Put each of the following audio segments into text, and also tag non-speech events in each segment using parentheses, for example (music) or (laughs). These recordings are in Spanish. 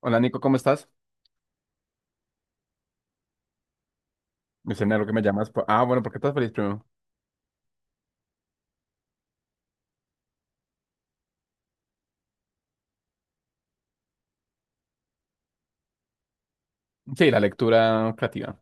Hola Nico, ¿cómo estás? Me sé lo que me llamas. Ah, bueno, ¿por qué estás feliz primero? Sí, la lectura creativa.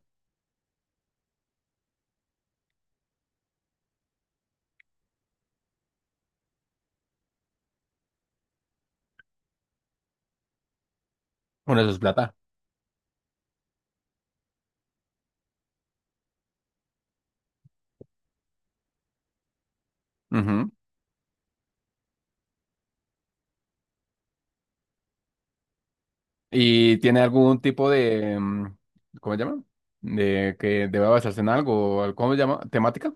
Bueno, eso es plata. Ujú. ¿Y tiene algún tipo de, cómo se llama? De que deba basarse en algo, ¿cómo se llama? ¿Temática?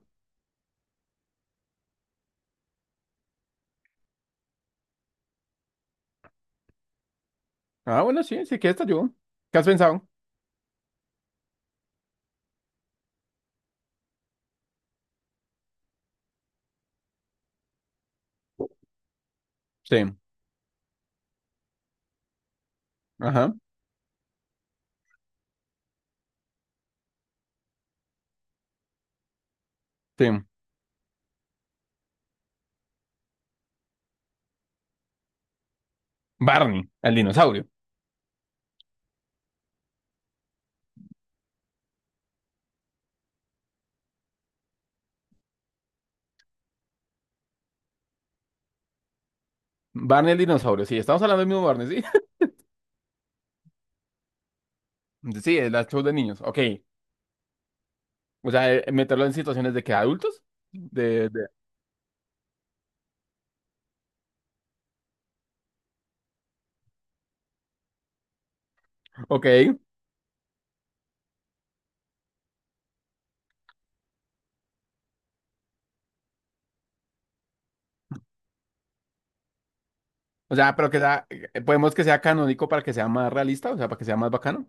Ah, bueno, sí, sí, que esta yo. ¿Qué has pensado? Sí, ajá, sí. Barney, el dinosaurio. Barney el dinosaurio, sí, estamos hablando del mismo Barney, sí. (laughs) Sí, el show de niños, ok. O sea, meterlo en situaciones de que adultos, de, de, ok. O sea, pero que sea, podemos que sea canónico para que sea más realista, o sea, para que sea más bacano.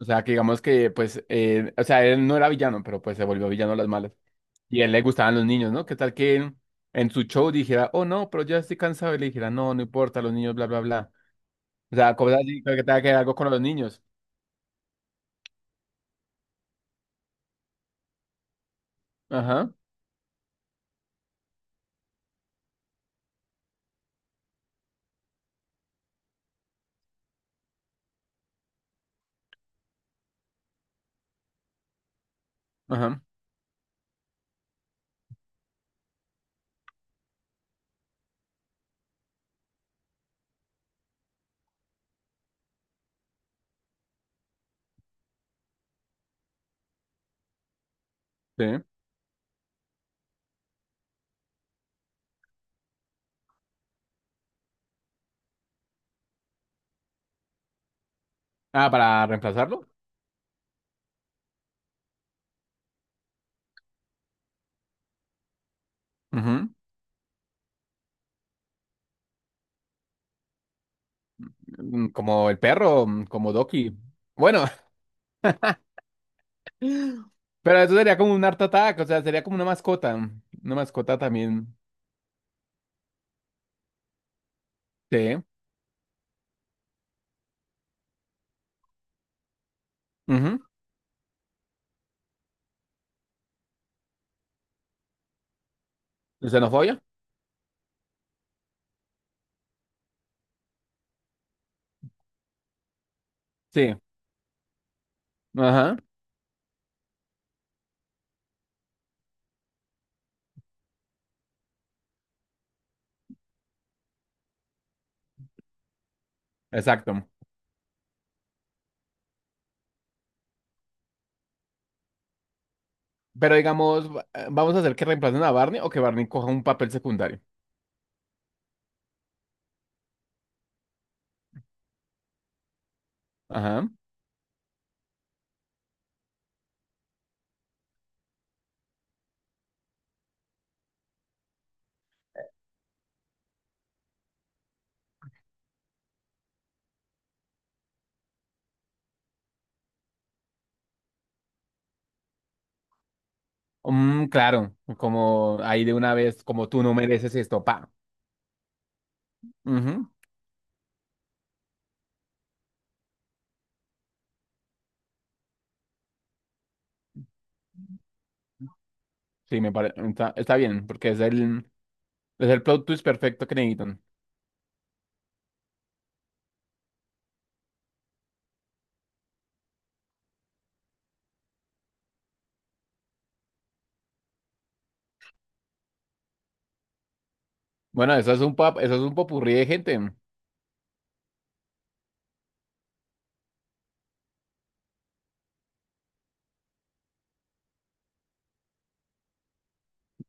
O sea, que digamos que, pues, o sea, él no era villano, pero pues se volvió villano a las malas. Y a él le gustaban los niños, ¿no? ¿Qué tal que en su show dijera, oh, no, pero ya estoy cansado? Y le dijera, no, no importa, los niños, bla, bla, bla. O sea, cosas así, pero que tenga que ver algo con los niños. Ajá, ajá, sí. Ah, ¿para reemplazarlo? Ujú. Mm, como el perro, mm, como Doki. Bueno, (laughs) pero eso sería como un Art Attack, o sea, sería como una mascota. Una mascota también. Sí, ujú. ¿Y xenofobia? Sí. Ajá. Exacto. Pero digamos, vamos a hacer que reemplacen a Barney o que Barney coja un papel secundario. Ajá. Mm, claro. Como ahí de una vez, como tú no mereces esto, pa. Ujú. Sí, me parece. Está bien, porque es es el plot twist perfecto que necesitan. Bueno, eso es un eso es un popurrí de gente.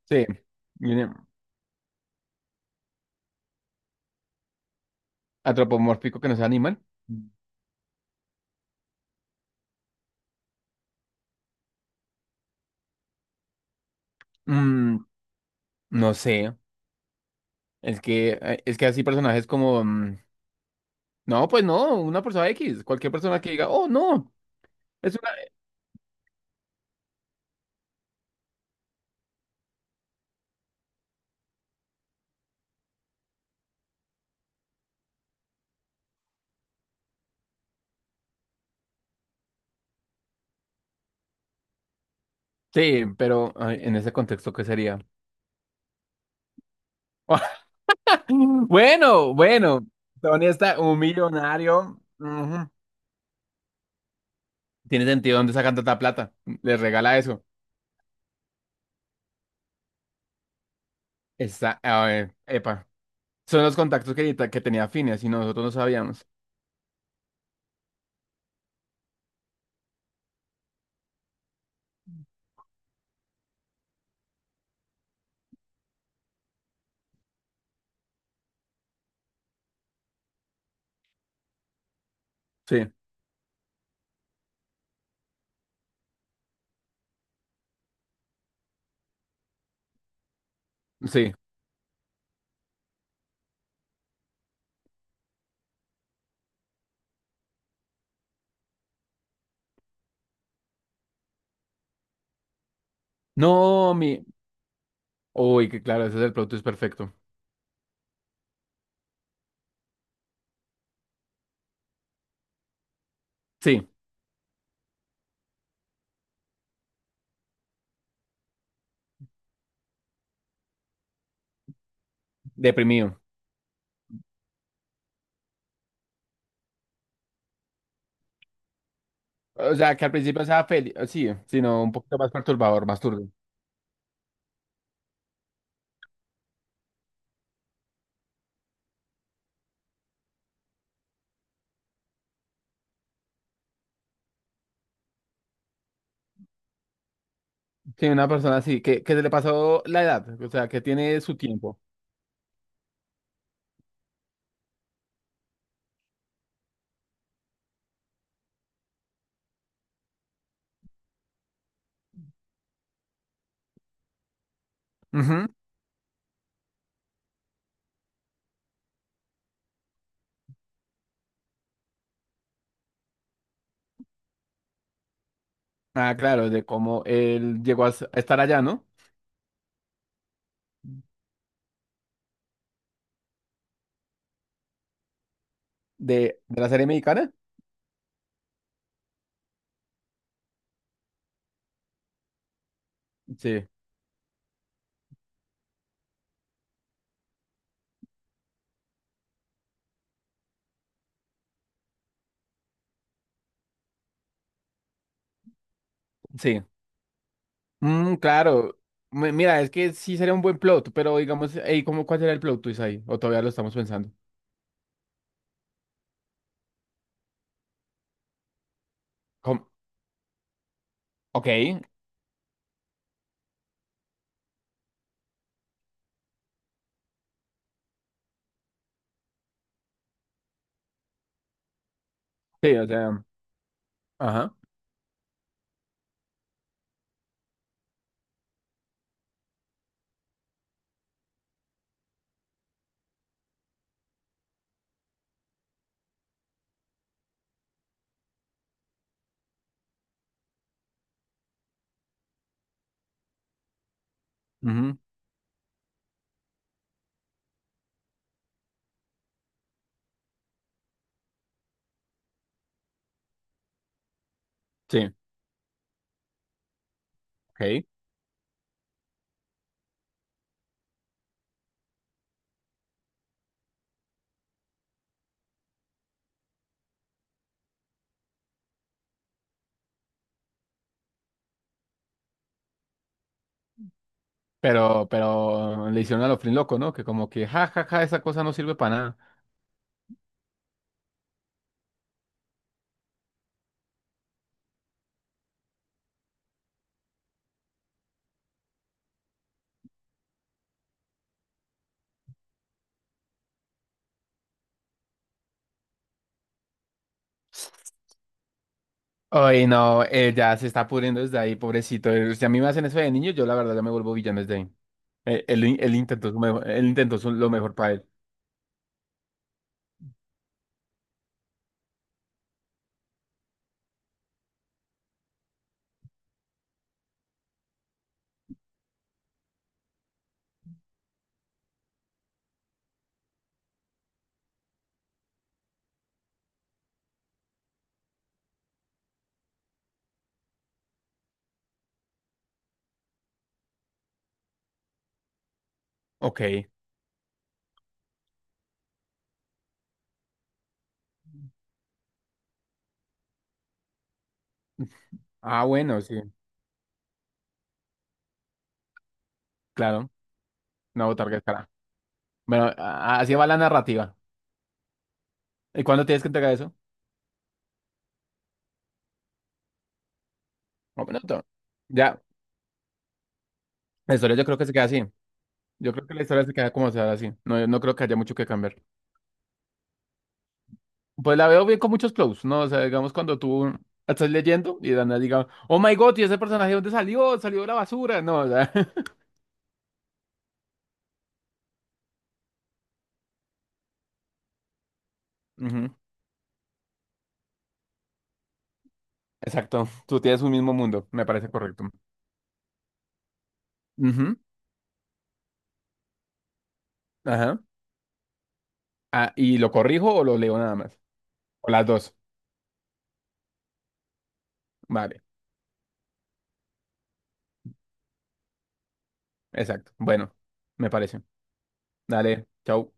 Sí, viene. Antropomórfico que no sea animal. Mm, no sé. Es que así personajes como, no, pues no, una persona X, cualquier persona que diga, oh, no, es una... Sí, pero ay, en ese contexto, ¿qué sería? (laughs) Bueno, bueno, Tony está un millonario, ujú. Tiene sentido dónde sacan tanta plata. Le regala eso. Está, a ver, epa. Son los contactos que tenía Phineas y nosotros no sabíamos. Sí, sí. No, mi. Uy, que claro, ese es el plot twist perfecto. Sí, deprimido. O sea, que al principio estaba feliz. Sí, sino un poquito más perturbador, más turbio. Sí, una persona así, que se le pasó la edad, o sea, que tiene su tiempo. Ujú. Ah, claro, de cómo él llegó a a estar allá, ¿no? De la serie mexicana. Sí, sí. Mm, claro. Mira, es que sí sería un buen plot, pero digamos, ey, ¿cómo, cuál será el plot twist ahí? O todavía lo estamos pensando. ¿Cómo? Ok. Sí, o sea, ajá, ujú. Sí, ok. Pero le hicieron a lo Flynn loco, ¿no? Que como que, ja, ja, ja, esa cosa no sirve para nada. Ay, no, ya se está pudriendo desde ahí, pobrecito. Si a mí me hacen eso de niño, yo la verdad ya me vuelvo villano desde ahí. Él, in- él intentó su mejo- él intentó su- lo mejor para él. Ok. Ah, bueno, sí, claro. Una botarga cara. Bueno, así va la narrativa. ¿Y cuándo tienes que entregar eso? Un minuto. Ya, la historia yo creo que se queda así. Yo creo que la historia se queda como sea así. No, no creo que haya mucho que cambiar. Pues la veo bien con muchos close, ¿no? O sea, digamos cuando tú estás leyendo y de la nada diga, oh my God, ¿y ese personaje dónde salió? Salió de la basura. No, o sea. (laughs) Exacto, tú tienes un mismo mundo, me parece correcto. Ujú, ajá. Ah, ¿y lo corrijo o lo leo nada más? O las dos. Vale, exacto. Bueno, me parece. Dale, chao.